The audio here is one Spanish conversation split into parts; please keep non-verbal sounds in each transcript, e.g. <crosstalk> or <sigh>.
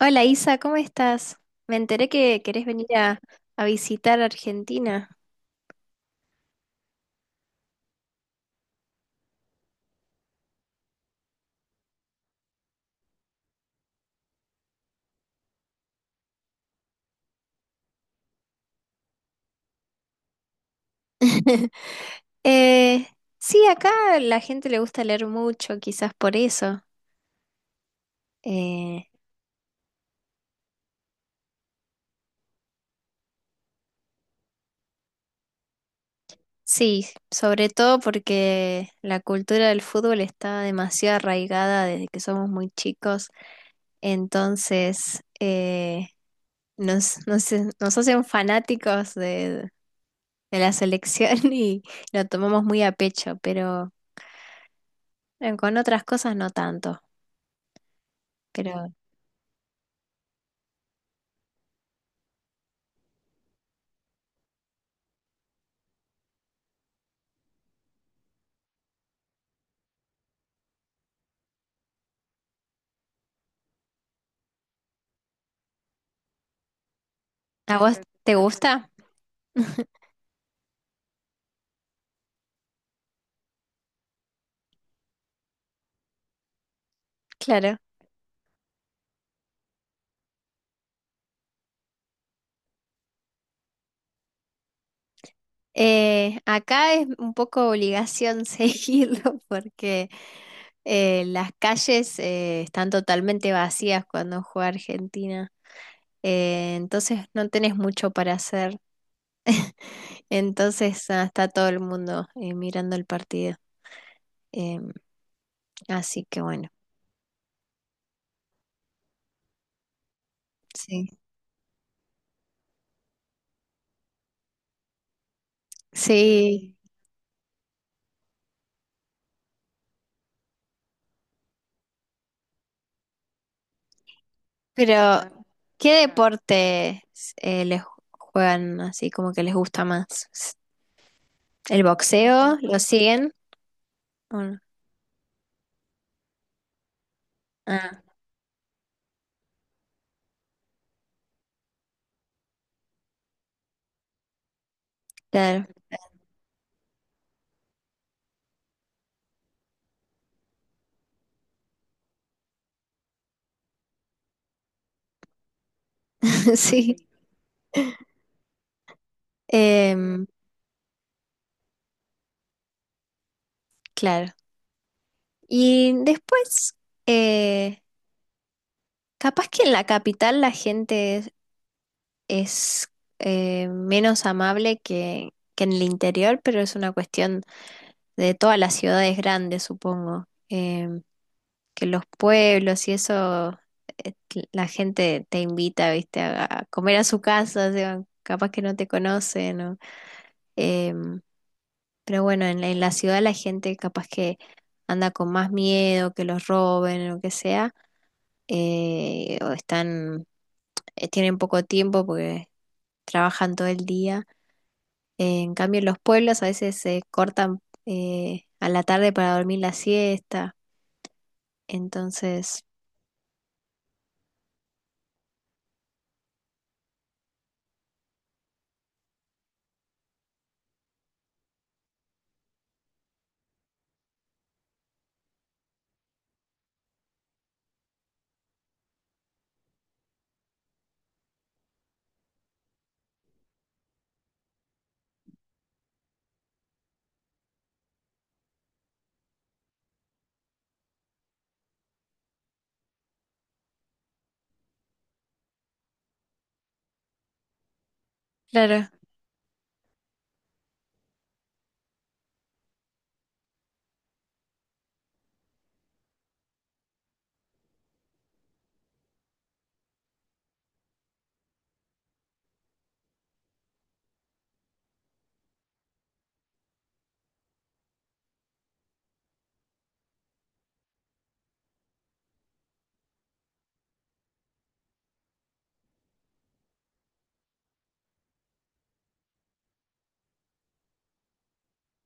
Hola Isa, ¿cómo estás? Me enteré que querés venir a visitar Argentina. <laughs> Eh, sí, acá la gente le gusta leer mucho, quizás por eso. Eh, sí, sobre todo porque la cultura del fútbol está demasiado arraigada desde que somos muy chicos, entonces nos, nos, nos hacen fanáticos de la selección <laughs> y lo tomamos muy a pecho, pero bueno, con otras cosas no tanto. Pero, ¿a vos te gusta? Claro. Acá es un poco obligación <laughs> seguirlo porque las calles están totalmente vacías cuando juega Argentina. Entonces no tenés mucho para hacer. Entonces está todo el mundo mirando el partido. Em, Así que bueno, sí. Sí, pero ¿qué deporte les juegan así como que les gusta más? ¿El boxeo? ¿Lo siguen? Uno. Ah, claro, <laughs> sí, em, claro. Y después, eh, capaz que en la capital la gente es menos amable que en el interior, pero es una cuestión de todas las ciudades grandes, supongo. Que los pueblos y eso, eh, la gente te invita, viste, a comer a su casa, o sea, capaz que no te conocen, ¿no? Pero bueno, en la ciudad la gente capaz que anda con más miedo, que los roben o lo que sea, o están, tienen poco tiempo porque trabajan todo el día. En cambio, en los pueblos a veces se cortan a la tarde para dormir la siesta. Entonces, claro,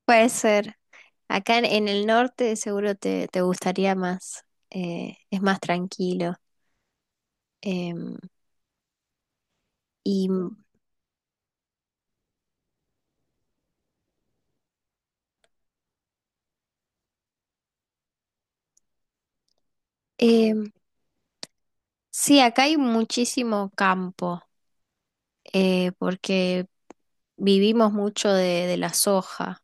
puede ser. Acá en el norte seguro te gustaría más, es más tranquilo. Em, y em, sí, acá hay muchísimo campo. Porque vivimos mucho de la soja,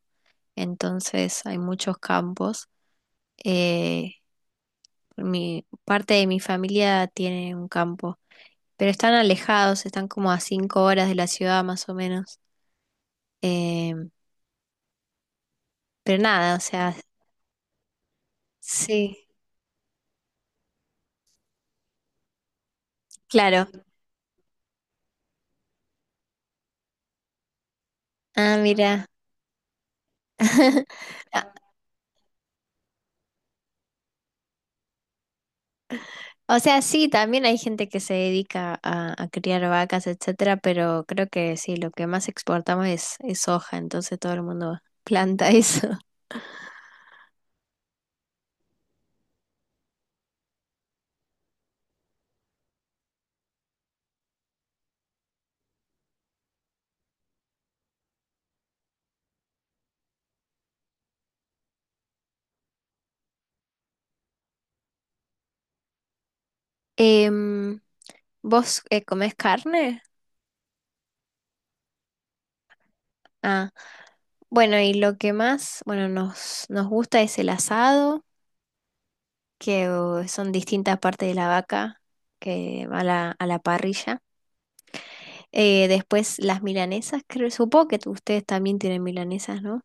entonces hay muchos campos. Eh, Parte de mi familia tiene un campo, pero están alejados, están como a 5 horas de la ciudad más o menos. Eh, pero nada, o sea, sí, claro. Ah, mira. <laughs> Ah, o sea, sí, también hay gente que se dedica a criar vacas, etcétera, pero creo que sí, lo que más exportamos es soja, entonces todo el mundo <laughs> planta eso. Em, ¿Vos comés carne? Ah, bueno, y lo que más, bueno, nos gusta es el asado, que son distintas partes de la vaca que va a la parrilla. Después las milanesas, creo, supongo que ustedes también tienen milanesas, ¿no?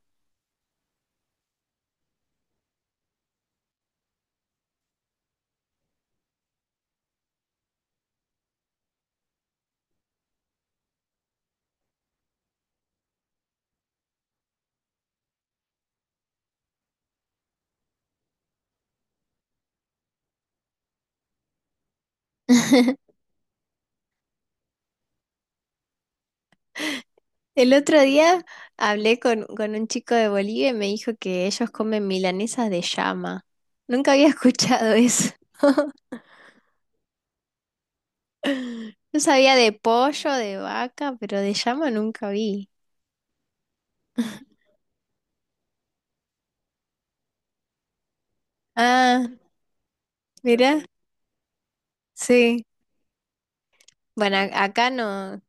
<laughs> El otro día hablé con un chico de Bolivia y me dijo que ellos comen milanesas de llama. Nunca había escuchado eso. <laughs> Yo sabía de pollo, de vaca, pero de llama nunca vi. Ah, mirá, sí. Bueno, acá no.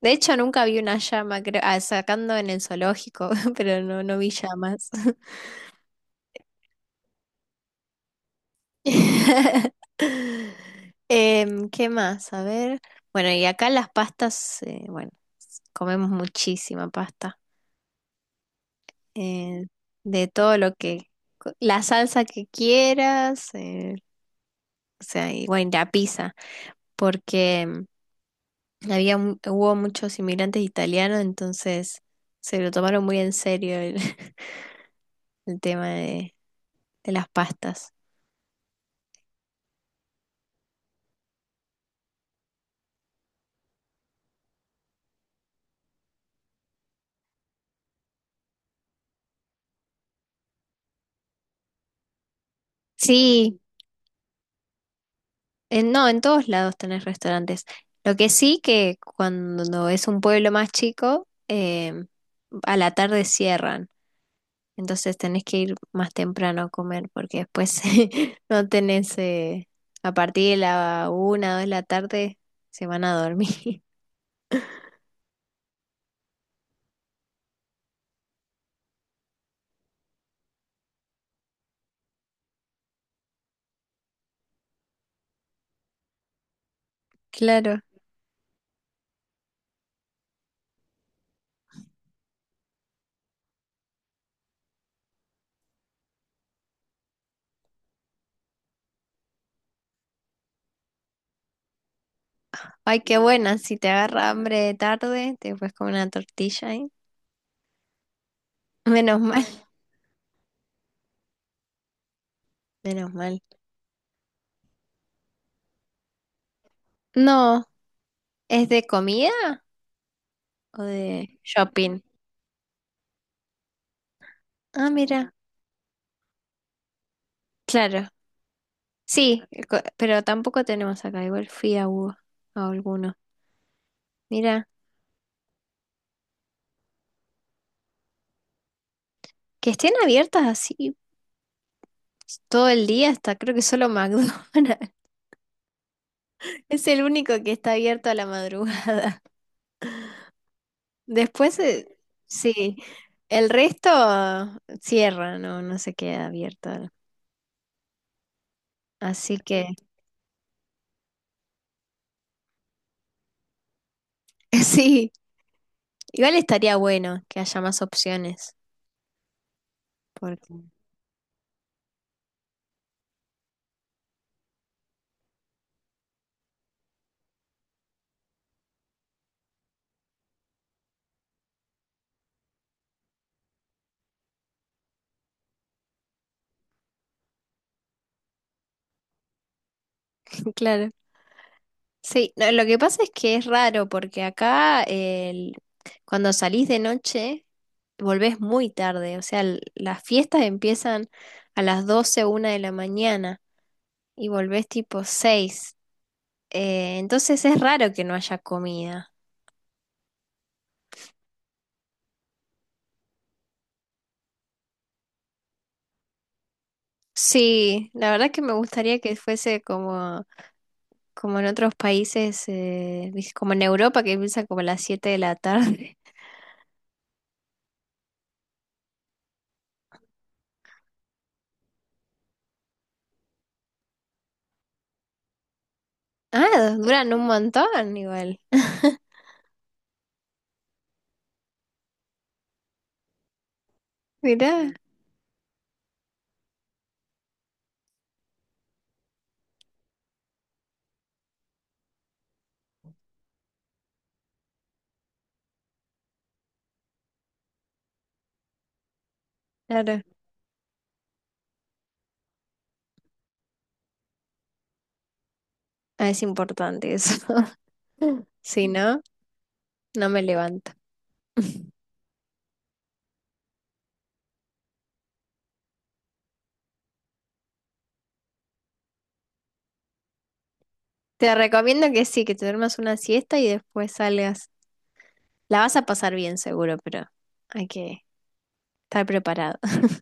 De hecho, nunca vi una llama, creo, sacando en el zoológico, <laughs> pero no vi llamas. <laughs> ¿Qué más? A ver. Bueno, y acá las pastas, bueno, comemos muchísima pasta. eh, de todo la salsa que quieras, o sea, y bueno, y la pizza, porque había, hubo muchos inmigrantes italianos, entonces se lo tomaron muy en serio el, <laughs> el tema de las pastas. Sí, no, en todos lados tenés restaurantes. Lo que sí que cuando es un pueblo más chico, a la tarde cierran, entonces tenés que ir más temprano a comer porque después <laughs> no tenés, a partir de la 1 o 2 de la tarde se van a dormir. <laughs> Claro. Ay, qué buena. Si te agarra hambre de tarde, te puedes comer una tortilla ahí. Menos mal, <laughs> menos mal. No, ¿es de comida o de shopping? Ah, mira, claro. Sí, pero tampoco tenemos acá. Igual fui a alguno. Mira, que estén abiertas así todo el día hasta creo que solo McDonald's. <laughs> Es el único que está abierto a la madrugada. <laughs> Después, sí, el resto cierra, no se queda abierto. Así que... <laughs> Sí, igual estaría bueno que haya más opciones, porque, <laughs> claro. Sí, no, lo que pasa es que es raro, porque acá cuando salís de noche, volvés muy tarde, o sea, las fiestas empiezan a las 12 1 de la mañana y volvés tipo 6, entonces es raro que no haya comida. Sí, la verdad que me gustaría que fuese como en otros países, ¿viste? Como en Europa, que empieza como a las 7 de la tarde. Ah, duran un montón igual. <laughs> Mirá. Mm. Claro. Ah, es importante eso. <laughs> Si no, no me levanto. <laughs> Te recomiendo que sí, que te duermas una siesta y después salgas. La vas a pasar bien seguro, pero hay que estar preparado. <laughs>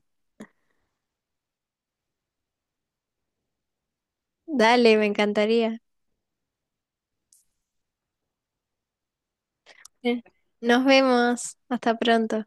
Dale, me encantaría. Eh, Nos vemos. Hasta pronto.